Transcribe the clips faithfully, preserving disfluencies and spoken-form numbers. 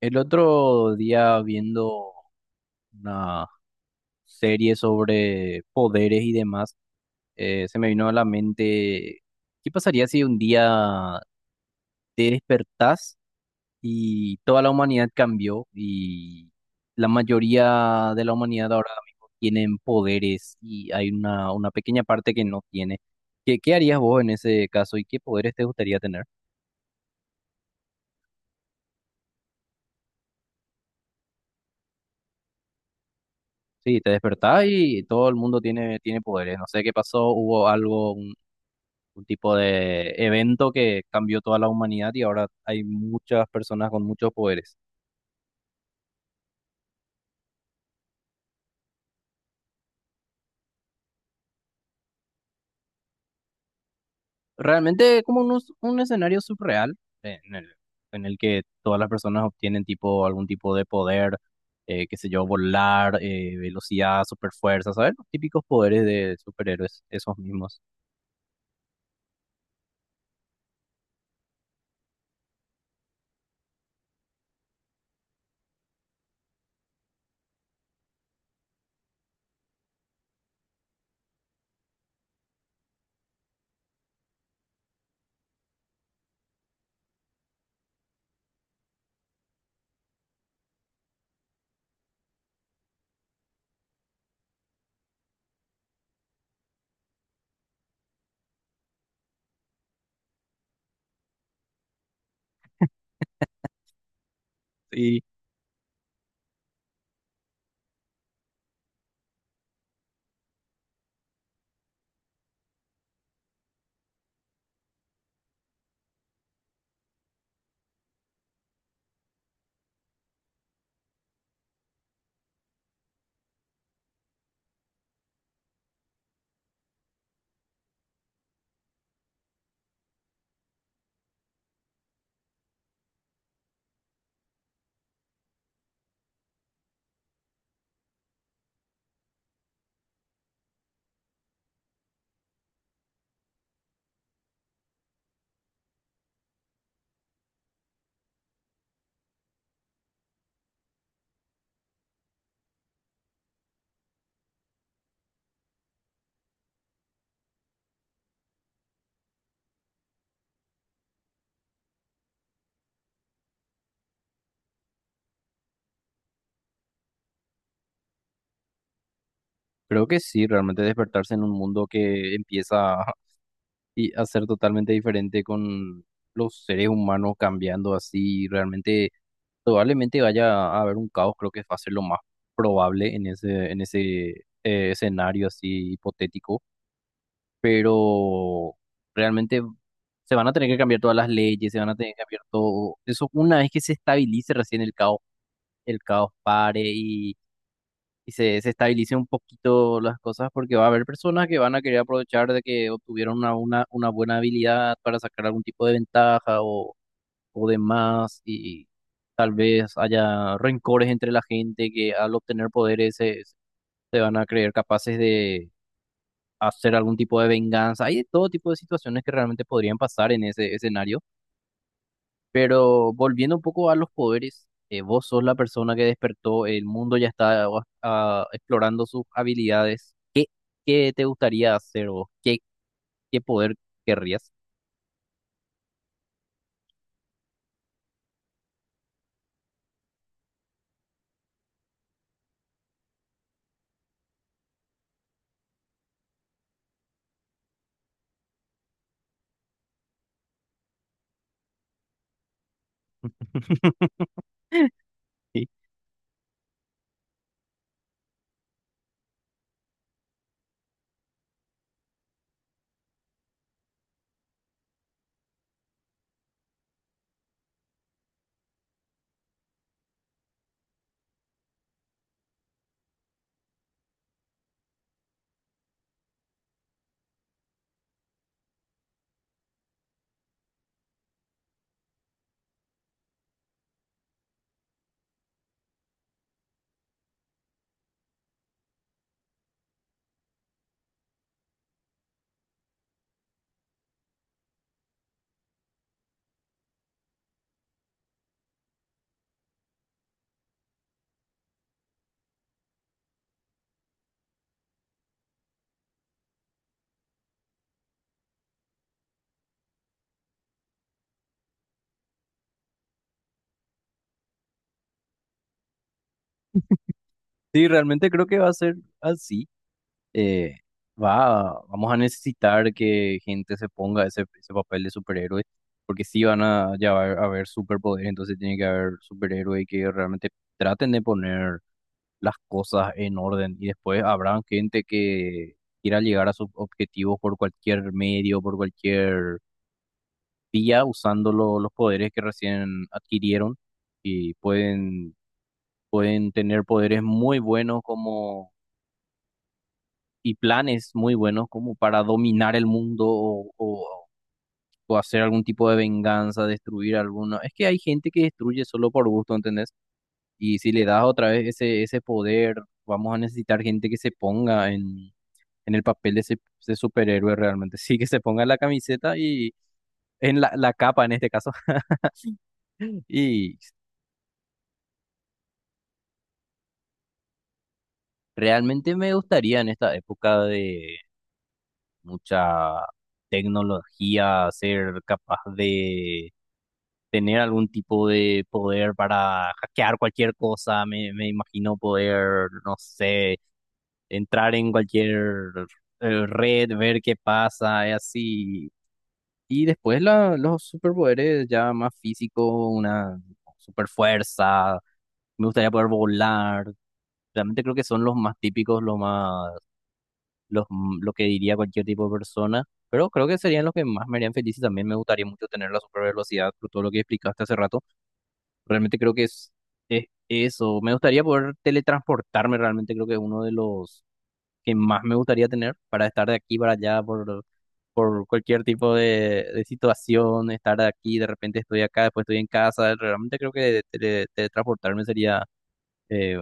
El otro día viendo una serie sobre poderes y demás, eh, se me vino a la mente, ¿qué pasaría si un día te despertás y toda la humanidad cambió y la mayoría de la humanidad ahora mismo tienen poderes y hay una, una pequeña parte que no tiene? ¿Qué, qué harías vos en ese caso y qué poderes te gustaría tener? Sí, te despertás y todo el mundo tiene, tiene poderes. No sé qué pasó, hubo algo, un tipo de evento que cambió toda la humanidad y ahora hay muchas personas con muchos poderes. Realmente como un, us- un escenario surreal, eh, en el, en el que todas las personas obtienen tipo algún tipo de poder, eh, qué sé yo, volar, eh, velocidad, superfuerza, ¿sabes? Los típicos poderes de superhéroes, esos mismos. Y creo que sí, realmente despertarse en un mundo que empieza y hacer totalmente diferente con los seres humanos cambiando así, realmente probablemente vaya a haber un caos, creo que va a ser lo más probable en ese, en ese eh, escenario así hipotético, pero realmente se van a tener que cambiar todas las leyes, se van a tener que cambiar todo, eso una vez que se estabilice recién el caos, el caos pare y se, se estabilice un poquito las cosas porque va a haber personas que van a querer aprovechar de que obtuvieron una, una, una buena habilidad para sacar algún tipo de ventaja o, o demás y tal vez haya rencores entre la gente que al obtener poderes se, se van a creer capaces de hacer algún tipo de venganza. Hay de todo tipo de situaciones que realmente podrían pasar en ese escenario, pero volviendo un poco a los poderes. Eh, vos sos la persona que despertó, el mundo ya está ah, explorando sus habilidades. ¿Qué te gustaría hacer o qué, ¿qué poder querrías? Sí, sí, realmente creo que va a ser así. Eh, va, vamos a necesitar que gente se ponga ese, ese papel de superhéroe, porque sí van a ya va a haber superpoderes, entonces tiene que haber superhéroes que realmente traten de poner las cosas en orden y después habrá gente que quiera llegar a sus objetivos por cualquier medio, por cualquier vía usando lo- los poderes que recién adquirieron y pueden, pueden tener poderes muy buenos como y planes muy buenos como para dominar el mundo o, o- o hacer algún tipo de venganza, destruir alguno. Es que hay gente que destruye solo por gusto, ¿entendés? Y si le das otra vez ese, ese poder, vamos a necesitar gente que se ponga en, en el papel de ese, ese superhéroe realmente. Sí, que se ponga la camiseta y en la, la capa en este caso. Y realmente me gustaría en esta época de mucha tecnología ser capaz de tener algún tipo de poder para hackear cualquier cosa. Me, me imagino poder, no sé, entrar en cualquier eh, red, ver qué pasa y así. Y después la- los superpoderes ya más físicos, una super fuerza. Me gustaría poder volar. Realmente creo que son los más típicos, los más los, m- lo que diría cualquier tipo de persona, pero creo que serían los que más me harían feliz y también me gustaría mucho tener la super velocidad por todo lo que explicaste hace rato. Realmente creo que es, es eso. Me gustaría poder teletransportarme, realmente creo que es uno de los que más me gustaría tener para estar de aquí para allá por, por cualquier tipo de, de situación, estar aquí, de repente estoy acá, después estoy en casa. Realmente creo que tele- teletransportarme sería, eh,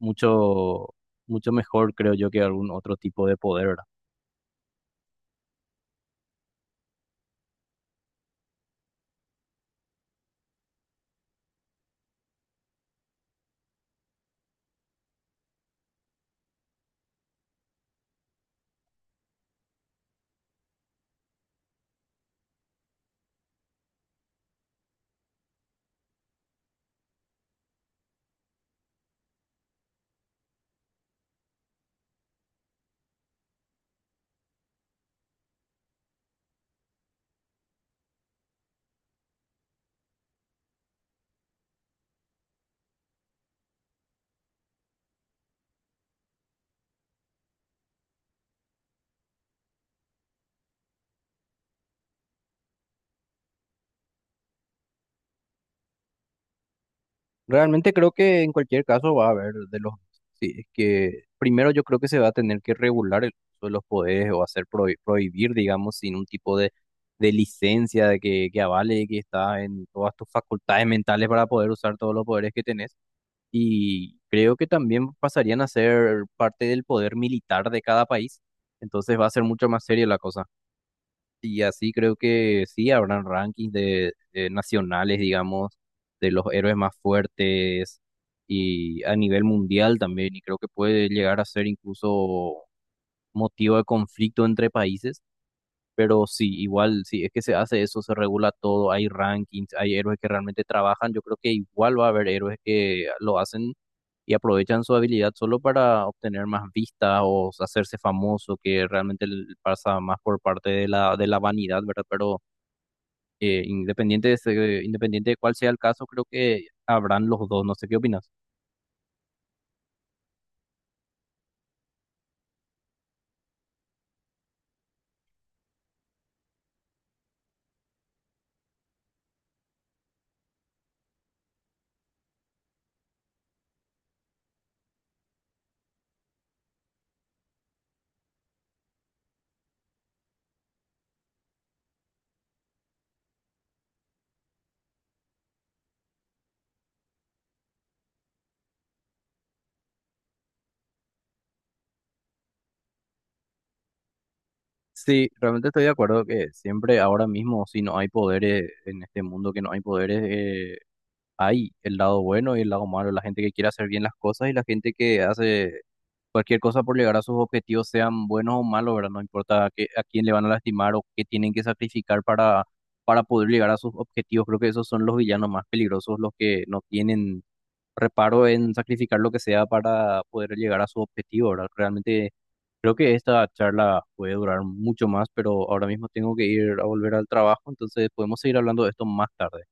mucho, mucho mejor, creo yo, que algún otro tipo de poder, ¿verdad? Realmente creo que en cualquier caso va a haber de los... Sí, es que primero yo creo que se va a tener que regular el uso de los poderes o hacer prohi- prohibir, digamos, sin un tipo de, de licencia de que, que avale que está en todas tus facultades mentales para poder usar todos los poderes que tenés. Y creo que también pasarían a ser parte del poder militar de cada país. Entonces va a ser mucho más seria la cosa. Y así creo que sí, habrán rankings de, de nacionales, digamos, de los héroes más fuertes y a nivel mundial también. Y creo que puede llegar a ser incluso motivo de conflicto entre países. Pero sí, igual, sí es que se hace eso, se regula todo, hay rankings, hay héroes que realmente trabajan, yo creo que igual va a haber héroes que lo hacen y aprovechan su habilidad solo para obtener más vistas o hacerse famoso, que realmente l- pasa más por parte de la, de la vanidad, ¿verdad? Pero eh, independiente de ese- independiente de cuál sea el caso, creo que habrán los dos, no sé qué opinas. Sí, realmente estoy de acuerdo que siempre ahora mismo, si no hay poderes en este mundo, que no hay poderes, hay el lado bueno y el lado malo, la gente que quiere hacer bien las cosas y la gente que hace cualquier cosa por llegar a sus objetivos, sean buenos o malos, ¿verdad? No importa a, qué- a quién le van a lastimar o qué tienen que sacrificar para, para poder llegar a sus objetivos. Creo que esos son los villanos más peligrosos, los que no tienen reparo en sacrificar lo que sea para poder llegar a su objetivo, ¿verdad? Realmente creo que esta charla puede durar mucho más, pero ahora mismo tengo que ir a volver al trabajo, entonces podemos seguir hablando de esto más tarde.